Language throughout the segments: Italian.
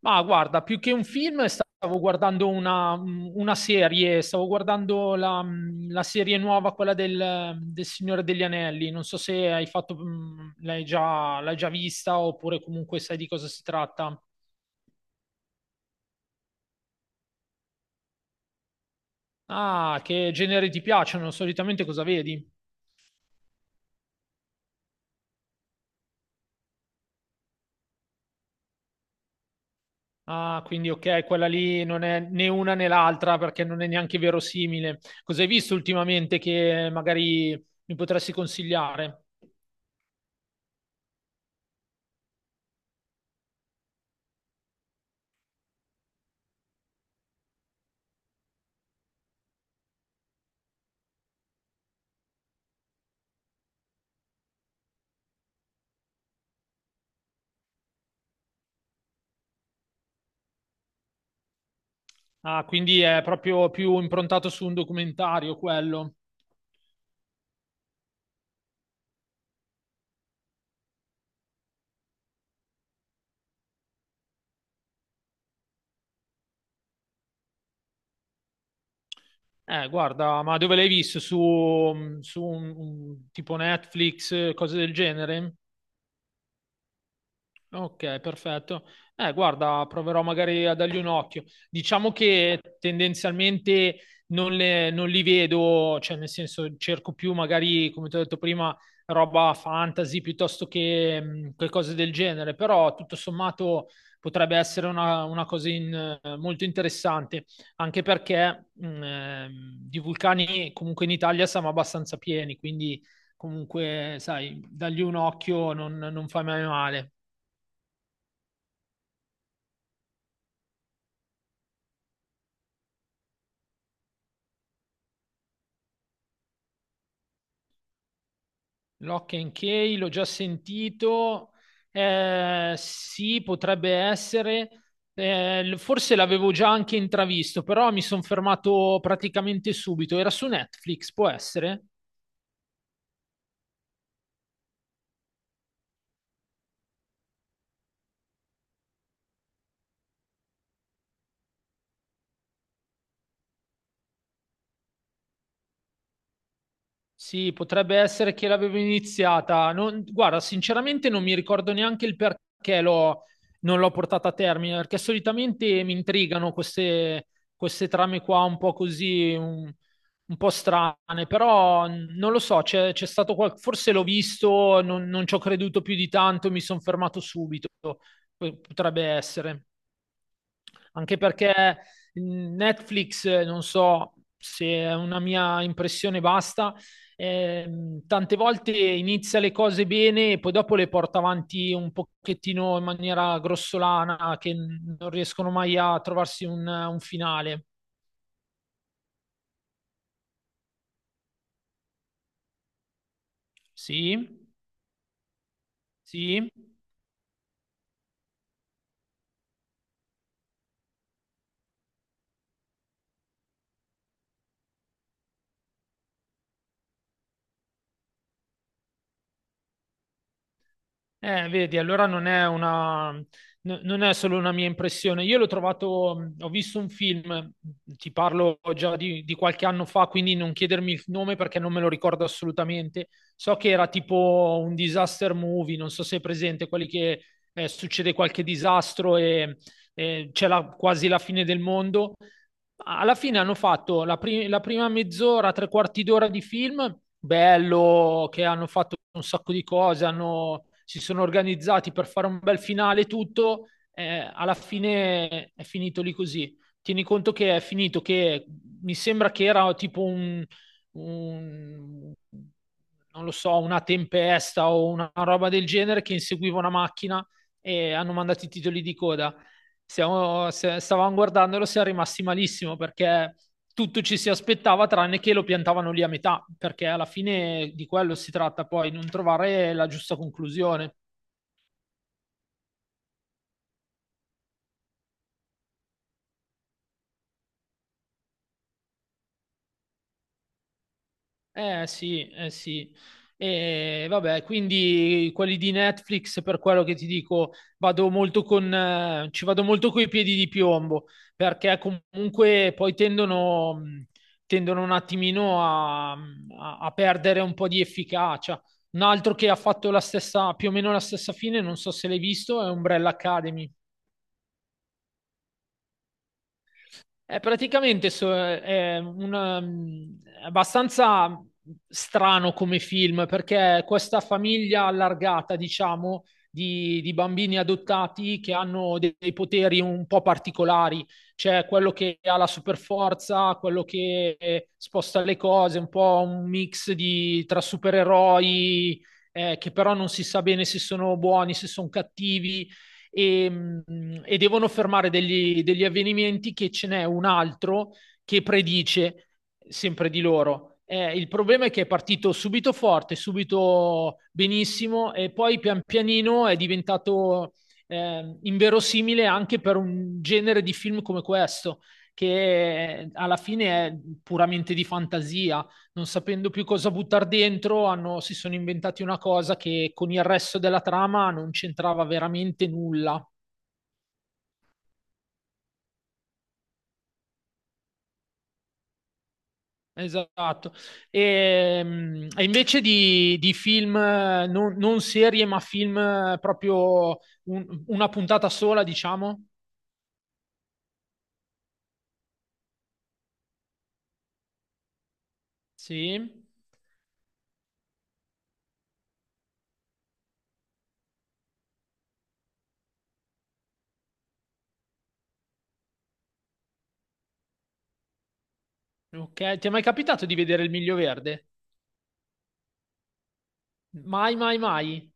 Ma guarda, più che un film stavo guardando una serie, stavo guardando la serie nuova, quella del Signore degli Anelli. Non so se hai fatto, l'hai già vista oppure comunque sai di cosa si tratta. Ah, che generi ti piacciono? Solitamente cosa vedi? Ah, quindi ok, quella lì non è né una né l'altra perché non è neanche verosimile. Cosa hai visto ultimamente che magari mi potresti consigliare? Ah, quindi è proprio più improntato su un documentario quello. Ma dove l'hai visto? Su tipo Netflix, cose del genere? Ok, perfetto. Proverò magari a dargli un occhio. Diciamo che tendenzialmente non li vedo, cioè nel senso cerco più magari, come ti ho detto prima, roba fantasy piuttosto che cose del genere, però tutto sommato potrebbe essere una cosa molto interessante, anche perché di vulcani comunque in Italia siamo abbastanza pieni, quindi comunque, sai, dargli un occhio non fa mai male. Lock and Key, l'ho già sentito. Eh sì, potrebbe essere. Forse l'avevo già anche intravisto, però mi sono fermato praticamente subito. Era su Netflix, può essere? Sì, potrebbe essere che l'avevo iniziata. Guarda, sinceramente non mi ricordo neanche il perché non l'ho portata a termine, perché solitamente mi intrigano queste, queste trame qua un po' così, un po' strane, però non lo so, c'è stato forse l'ho visto, non ci ho creduto più di tanto, mi sono fermato subito. Potrebbe essere. Anche perché Netflix, non so se è una mia impressione basta, tante volte inizia le cose bene e poi dopo le porta avanti un pochettino in maniera grossolana, che non riescono mai a trovarsi un finale. Sì, sì. Vedi, allora non è solo una mia impressione. Io l'ho trovato, ho visto un film, ti parlo già di qualche anno fa, quindi non chiedermi il nome perché non me lo ricordo assolutamente. So che era tipo un disaster movie, non so se è presente, quelli che succede qualche disastro e c'è quasi la fine del mondo. Alla fine hanno fatto la prima mezz'ora, tre quarti d'ora di film, bello, che hanno fatto un sacco di cose, si sono organizzati per fare un bel finale e tutto, alla fine è finito lì così. Tieni conto che è finito, che mi sembra che era tipo un- non lo so, una tempesta o una roba del genere che inseguiva una macchina e hanno mandato i titoli di coda. Siamo- se- stavamo guardandolo, siamo rimasti malissimo perché tutto ci si aspettava tranne che lo piantavano lì a metà, perché alla fine di quello si tratta poi, non trovare la giusta conclusione. Eh sì, eh sì. E vabbè, quindi quelli di Netflix, per quello che ti dico, ci vado molto coi piedi di piombo, perché comunque poi tendono un attimino a perdere un po' di efficacia. Un altro che ha fatto la stessa, più o meno la stessa fine, non so se l'hai visto, è Umbrella Academy. È praticamente so- è un, um, è abbastanza strano come film perché questa famiglia allargata, diciamo, di bambini adottati che hanno dei poteri un po' particolari. C'è quello che ha la superforza, quello che sposta le cose, un po' un mix tra supereroi, che però non si sa bene se sono buoni, se sono cattivi e, e devono fermare degli avvenimenti che ce n'è un altro che predice sempre di loro. Il problema è che è partito subito forte, subito benissimo e poi pian pianino è diventato inverosimile anche per un genere di film come questo, che alla fine è puramente di fantasia, non sapendo più cosa buttare dentro, si sono inventati una cosa che con il resto della trama non c'entrava veramente nulla. Esatto. E invece di film, non serie, ma film proprio una puntata sola, diciamo. Sì. Ok. Ti è mai capitato di vedere Il Miglio Verde? Mai, mai, mai.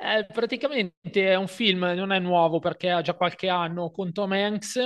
Praticamente è un film, non è nuovo perché ha già qualche anno, con Tom Hanks.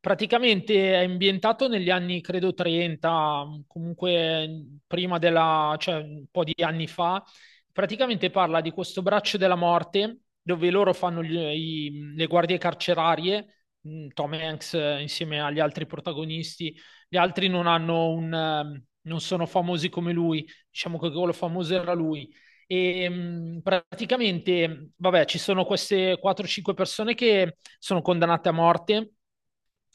Praticamente è ambientato negli anni, credo, 30, comunque prima della, cioè un po' di anni fa. Praticamente parla di questo braccio della morte dove loro fanno le guardie carcerarie, Tom Hanks insieme agli altri protagonisti. Gli altri non hanno non sono famosi come lui, diciamo che quello famoso era lui e praticamente, vabbè, ci sono queste 4-5 persone che sono condannate a morte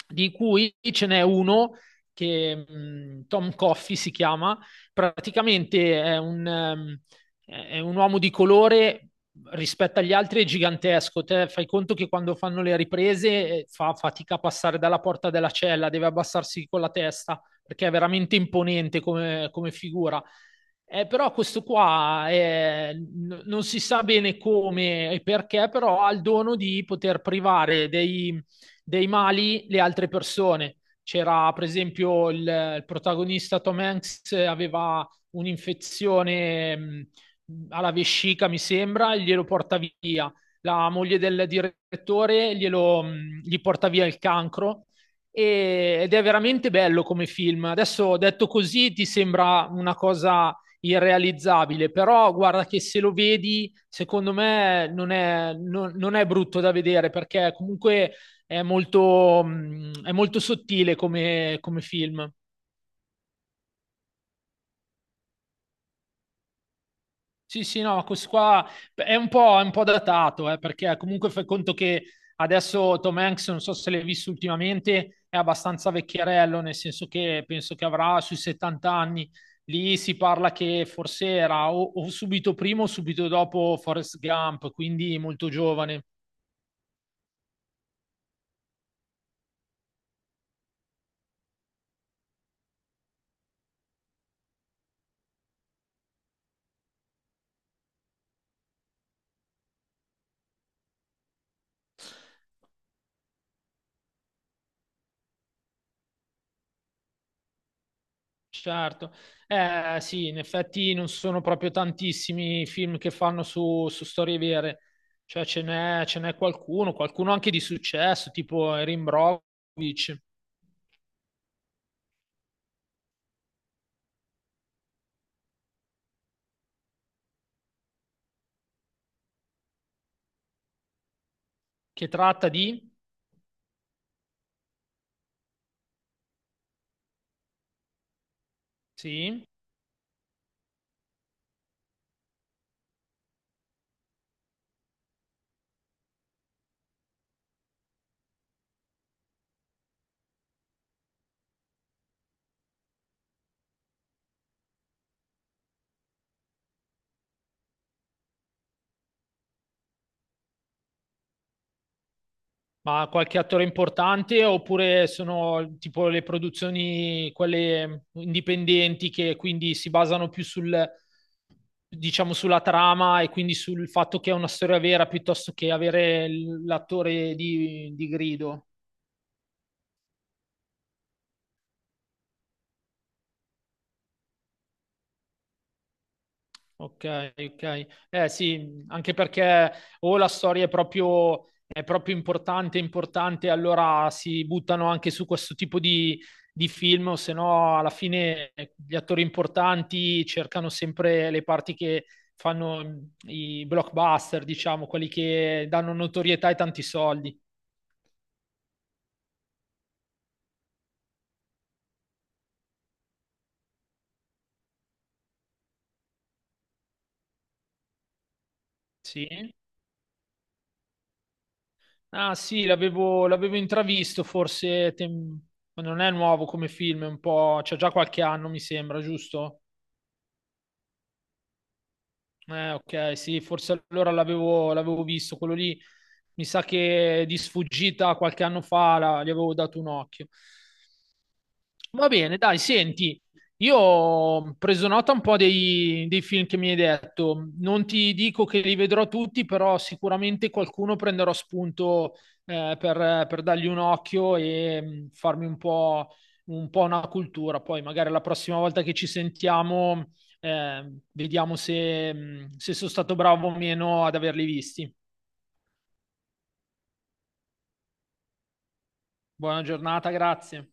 di cui ce n'è uno che Tom Coffey si chiama, praticamente è un uomo di colore. Rispetto agli altri è gigantesco. Te fai conto che quando fanno le riprese fa fatica a passare dalla porta della cella, deve abbassarsi con la testa perché è veramente imponente come figura. Però questo qua non si sa bene come e perché, però ha il dono di poter privare dei mali le altre persone. C'era per esempio il protagonista Tom Hanks aveva un'infezione alla vescica, mi sembra, e glielo porta via. La moglie del direttore gli porta via il cancro ed è veramente bello come film. Adesso detto così ti sembra una cosa irrealizzabile, però guarda che se lo vedi, secondo me non è brutto da vedere perché comunque è molto sottile come film. Sì, sì, no, questo qua è un po' datato, perché comunque fai conto che adesso Tom Hanks, non so se l'hai visto ultimamente, è abbastanza vecchierello, nel senso che penso che avrà sui 70 anni. Lì si parla che forse era o subito prima o subito dopo Forrest Gump, quindi molto giovane. Certo, eh sì, in effetti non sono proprio tantissimi i film che fanno su storie vere, cioè ce n'è qualcuno anche di successo, tipo Erin Brockovich, che tratta di, sì, ma qualche attore importante, oppure sono tipo le produzioni, quelle indipendenti, che quindi si basano più sul, diciamo, sulla trama e quindi sul fatto che è una storia vera piuttosto che avere l'attore di grido. Ok, ok. Eh sì, anche perché o la storia è proprio importante, importante, allora si buttano anche su questo tipo di film, o se no alla fine gli attori importanti cercano sempre le parti che fanno i blockbuster, diciamo, quelli che danno notorietà e tanti soldi. Sì. Ah sì, l'avevo intravisto, forse non è nuovo come film, c'è già qualche anno, mi sembra, giusto? Ok, sì, forse allora l'avevo visto, quello lì mi sa che di sfuggita qualche anno fa gli avevo dato un occhio. Va bene, dai, senti, io ho preso nota un po' dei film che mi hai detto. Non ti dico che li vedrò tutti, però sicuramente qualcuno prenderò spunto per dargli un occhio e farmi un po' una cultura. Poi magari la prossima volta che ci sentiamo, vediamo se sono stato bravo o meno ad averli visti. Buona giornata, grazie.